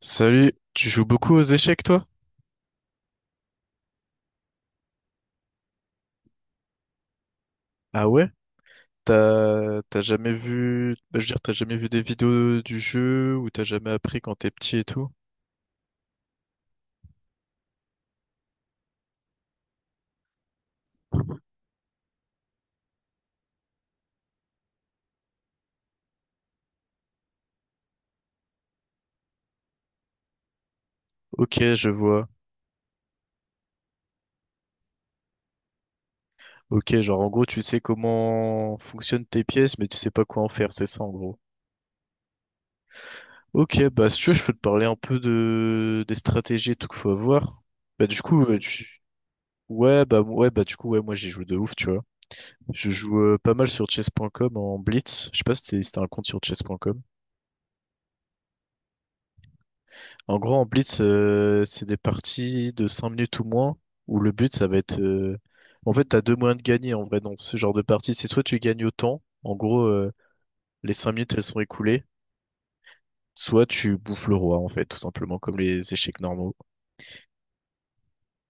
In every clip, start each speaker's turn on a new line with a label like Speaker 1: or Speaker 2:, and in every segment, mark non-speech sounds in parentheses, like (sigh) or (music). Speaker 1: Salut, tu joues beaucoup aux échecs toi? Ah ouais? T'as jamais vu, bah, je veux dire, t'as jamais vu des vidéos du jeu ou t'as jamais appris quand t'es petit et tout? Ok, je vois. Ok, genre en gros, tu sais comment fonctionnent tes pièces, mais tu sais pas quoi en faire, c'est ça en gros. Ok, bah si tu veux, je peux te parler un peu de des stratégies et tout qu'il faut avoir. Bah du coup, ouais, bah du coup, ouais, moi j'ai joué de ouf, tu vois. Je joue pas mal sur chess.com en blitz. Je sais pas si si t'as un compte sur chess.com. En gros, en blitz, c'est des parties de 5 minutes ou moins où le but ça va être. En fait, t'as deux moyens de gagner en vrai dans ce genre de partie. C'est soit tu gagnes au temps, en gros, les 5 minutes elles sont écoulées, soit tu bouffes le roi en fait, tout simplement comme les échecs normaux.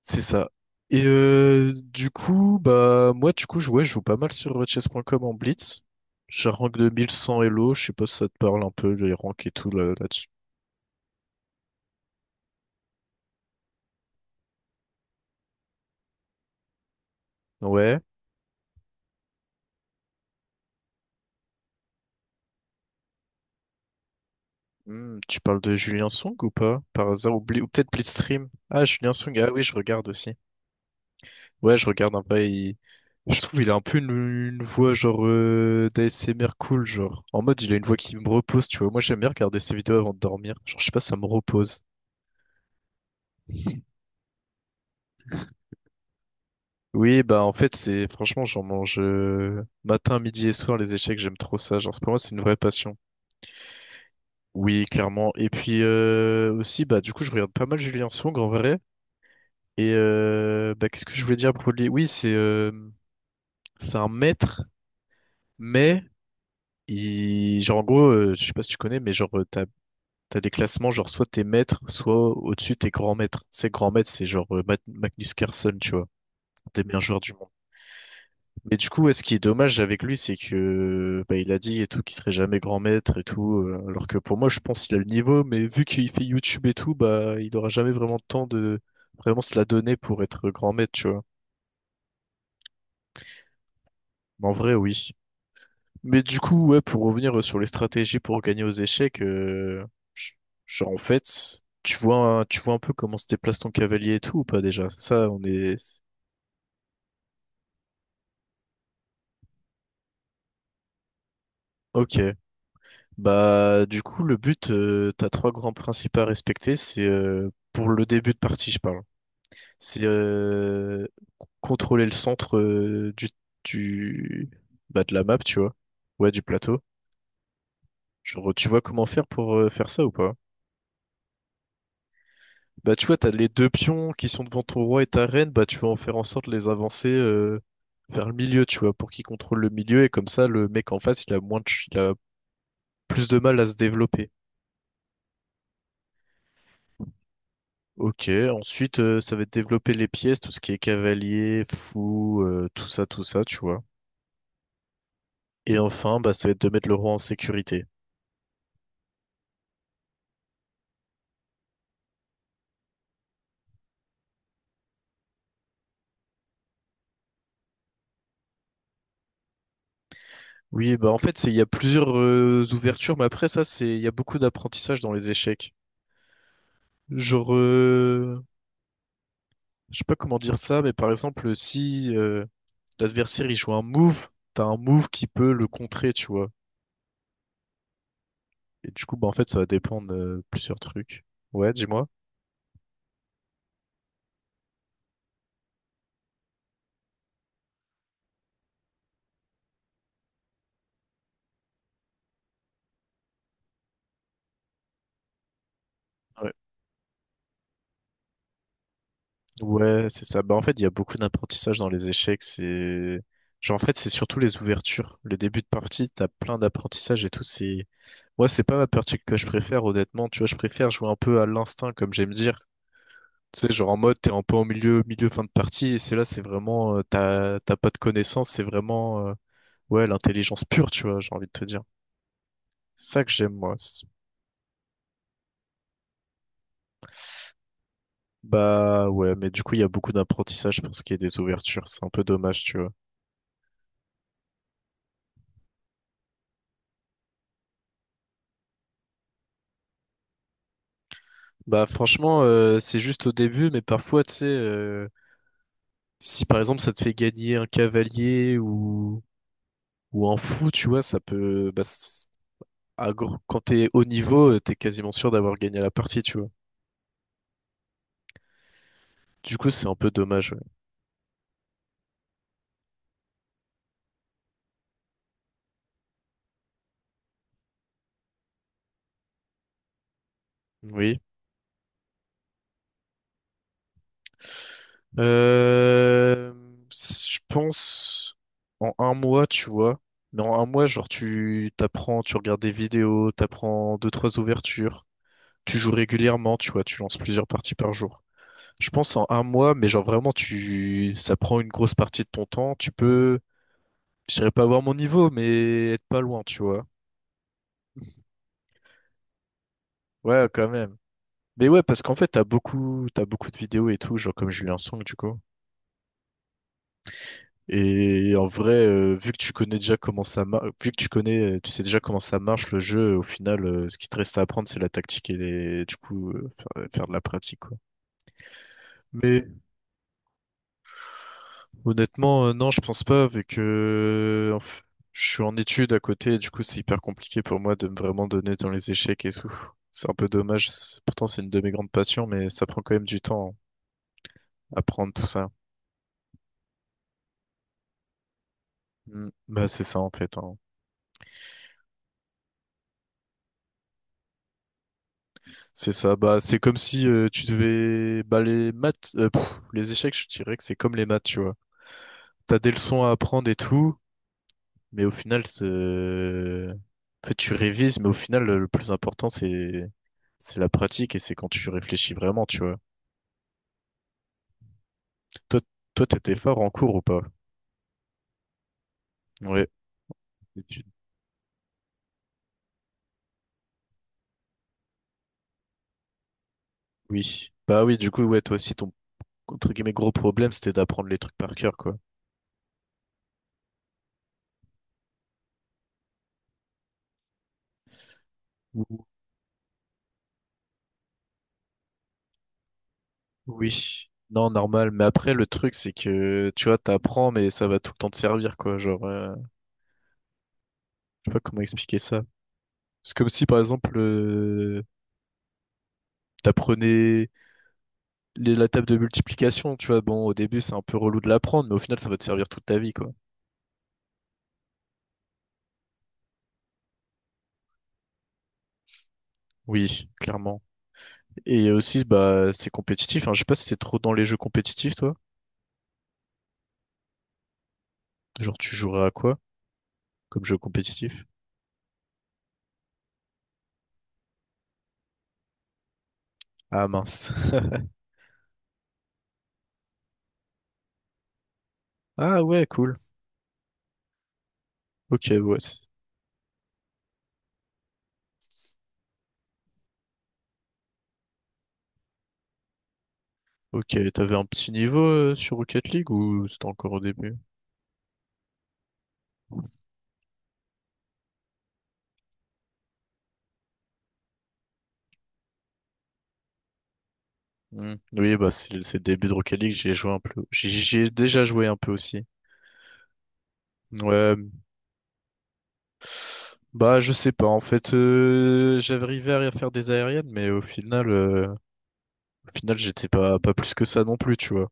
Speaker 1: C'est ça. Et du coup, bah moi du coup ouais, je joue pas mal sur Chess. Point Com en blitz. J'ai un rank de 1100 Elo, je sais pas si ça te parle un peu les ranks et tout là, là-dessus. Ouais. Hmm, tu parles de Julien Song ou pas? Par hasard, ou, ou peut-être Blitzstream. Ah, Julien Song, ah oui, je regarde aussi. Ouais, je regarde un peu. Je trouve il a un peu une voix genre d'ASMR cool, genre. En mode, il a une voix qui me repose, tu vois. Moi, j'aime bien regarder ses vidéos avant de dormir. Genre, je sais pas, ça me repose. Oui, bah en fait, c'est franchement, j'en mange matin, midi et soir les échecs, j'aime trop ça. Genre, pour moi, c'est une vraie passion. Oui, clairement. Et puis aussi, bah du coup, je regarde pas mal Julien Song en vrai. Et bah, qu'est-ce que je voulais dire pour lui? Oui, c'est un maître, mais il, genre en gros, je sais pas si tu connais, mais genre t'as des classements, genre soit t'es maître, soit au-dessus t'es grand maître. C'est grand maître, c'est genre Magnus Carlsen, tu vois, des meilleurs joueurs du monde. Mais du coup, ouais, ce qui est dommage avec lui, c'est que bah, il a dit et tout qu'il serait jamais grand maître et tout, alors que pour moi, je pense qu'il a le niveau, mais vu qu'il fait YouTube et tout, bah il aura jamais vraiment le temps de vraiment se la donner pour être grand maître, tu vois. Mais en vrai, oui. Mais du coup, ouais, pour revenir sur les stratégies pour gagner aux échecs, j- genre en fait, tu vois, tu vois un peu comment se déplace ton cavalier et tout ou pas déjà? Ça, on est. Ok. Bah, du coup, le but, t'as trois grands principes à respecter. C'est pour le début de partie, je parle. C'est contrôler le centre du bah, de la map, tu vois. Ouais, du plateau. Genre, tu vois comment faire pour faire ça ou pas? Bah, tu vois, t'as les deux pions qui sont devant ton roi et ta reine. Bah, tu vas en faire en sorte de les avancer vers le milieu, tu vois, pour qu'ils contrôlent le milieu. Et comme ça, le mec en face, il a plus de mal à se développer. Ok, ensuite ça va être développer les pièces, tout ce qui est cavalier, fou, tout ça, tu vois. Et enfin, bah, ça va être de mettre le roi en sécurité. Oui, bah en fait, c'est il y a plusieurs ouvertures, mais après ça, c'est il y a beaucoup d'apprentissage dans les échecs. Genre, je sais pas comment dire ça, mais par exemple, si l'adversaire il joue un move, t'as un move qui peut le contrer, tu vois. Et du coup, bah en fait, ça va dépendre de plusieurs trucs. Ouais, dis-moi. Ouais, ouais, c'est ça. Bah, en fait, il y a beaucoup d'apprentissage dans les échecs. C'est, genre, en fait, c'est surtout les ouvertures. Le début de partie, t'as plein d'apprentissage et tout. C'est, moi, c'est pas ma partie que je préfère, honnêtement. Tu vois, je préfère jouer un peu à l'instinct, comme j'aime dire. Tu sais, genre en mode, t'es un peu en milieu, milieu, fin de partie. Et c'est là, c'est vraiment, t'as pas de connaissances. C'est vraiment, ouais, l'intelligence pure, tu vois, j'ai envie de te dire. C'est ça que j'aime, moi. Bah ouais, mais du coup, il y a beaucoup d'apprentissage pour ce qui est des ouvertures. C'est un peu dommage, tu vois. Bah franchement, c'est juste au début, mais parfois, tu sais, si par exemple ça te fait gagner un cavalier ou, un fou, tu vois, ça peut... Bah, quand t'es haut niveau, t'es quasiment sûr d'avoir gagné la partie, tu vois. Du coup, c'est un peu dommage, ouais. Oui. Euh, je pense en un mois, tu vois. Mais en un mois, genre, tu t'apprends, tu regardes des vidéos, t'apprends deux, trois ouvertures, tu joues régulièrement, tu vois, tu lances plusieurs parties par jour. Je pense en un mois, mais genre vraiment, ça prend une grosse partie de ton temps. Tu peux, je dirais pas avoir mon niveau, mais être pas loin, tu vois. Ouais, quand même. Mais ouais, parce qu'en fait, t'as beaucoup de vidéos et tout, genre comme Julien Song, du coup. Et en vrai, vu que tu connais déjà comment ça marche, vu que tu connais, tu sais déjà comment ça marche le jeu, au final, ce qui te reste à apprendre, c'est la tactique et du coup, faire de la pratique, quoi. Mais honnêtement, non, je pense pas, vu que je suis en études à côté, du coup, c'est hyper compliqué pour moi de me vraiment donner dans les échecs et tout. C'est un peu dommage. Pourtant, c'est une de mes grandes passions, mais ça prend quand même du temps, hein, apprendre tout ça. Mm. Bah, c'est ça, en fait, hein. C'est ça, bah c'est comme si tu devais bah les maths les échecs, je dirais que c'est comme les maths, tu vois. T'as des leçons à apprendre et tout, mais au final c'est en fait tu révises, mais au final le plus important c'est la pratique et c'est quand tu réfléchis vraiment, tu vois. Toi toi t'étais fort en cours ou pas? Ouais. Études. Oui. Bah oui, du coup ouais, toi aussi ton entre guillemets gros problème c'était d'apprendre les trucs par cœur quoi. Oui, non, normal. Mais après, le truc, c'est que, tu vois, t'apprends, mais ça va tout le temps te servir, quoi. Genre, je sais pas comment expliquer ça. C'est comme si, par exemple, t'apprenais la table de multiplication, tu vois. Bon, au début, c'est un peu relou de l'apprendre, mais au final, ça va te servir toute ta vie, quoi. Oui, clairement. Et aussi, bah, c'est compétitif. Hein. Je sais pas si c'est trop dans les jeux compétitifs, toi. Genre, tu jouerais à quoi comme jeu compétitif? Ah, mince. (laughs) Ah, ouais, cool. Ok, ouais. Ok, t'avais un petit niveau sur Rocket League ou c'était encore au début? Hmm. Oui, bah c'est le début de Rocket League, j'y ai joué un peu. J'y ai déjà joué un peu aussi. Ouais. Bah je sais pas, en fait j'arrivais à faire des aériennes, mais au final j'étais pas plus que ça non plus, tu vois.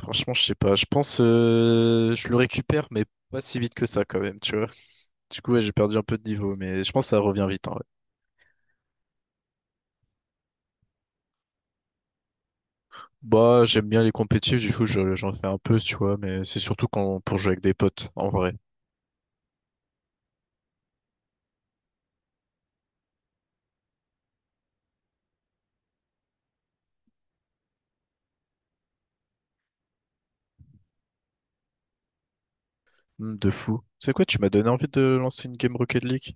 Speaker 1: Franchement, je sais pas. Je pense je le récupère, mais pas si vite que ça quand même, tu vois. Du coup ouais, j'ai perdu un peu de niveau, mais je pense que ça revient vite. Hein. Bah, j'aime bien les compétitifs, du coup, j'en fais un peu, tu vois, mais c'est surtout quand, pour jouer avec des potes, en vrai. Hmm, de fou. C'est quoi, tu m'as donné envie de lancer une game Rocket League?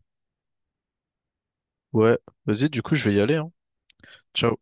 Speaker 1: Ouais, vas-y, du coup, je vais y aller, hein. Ciao.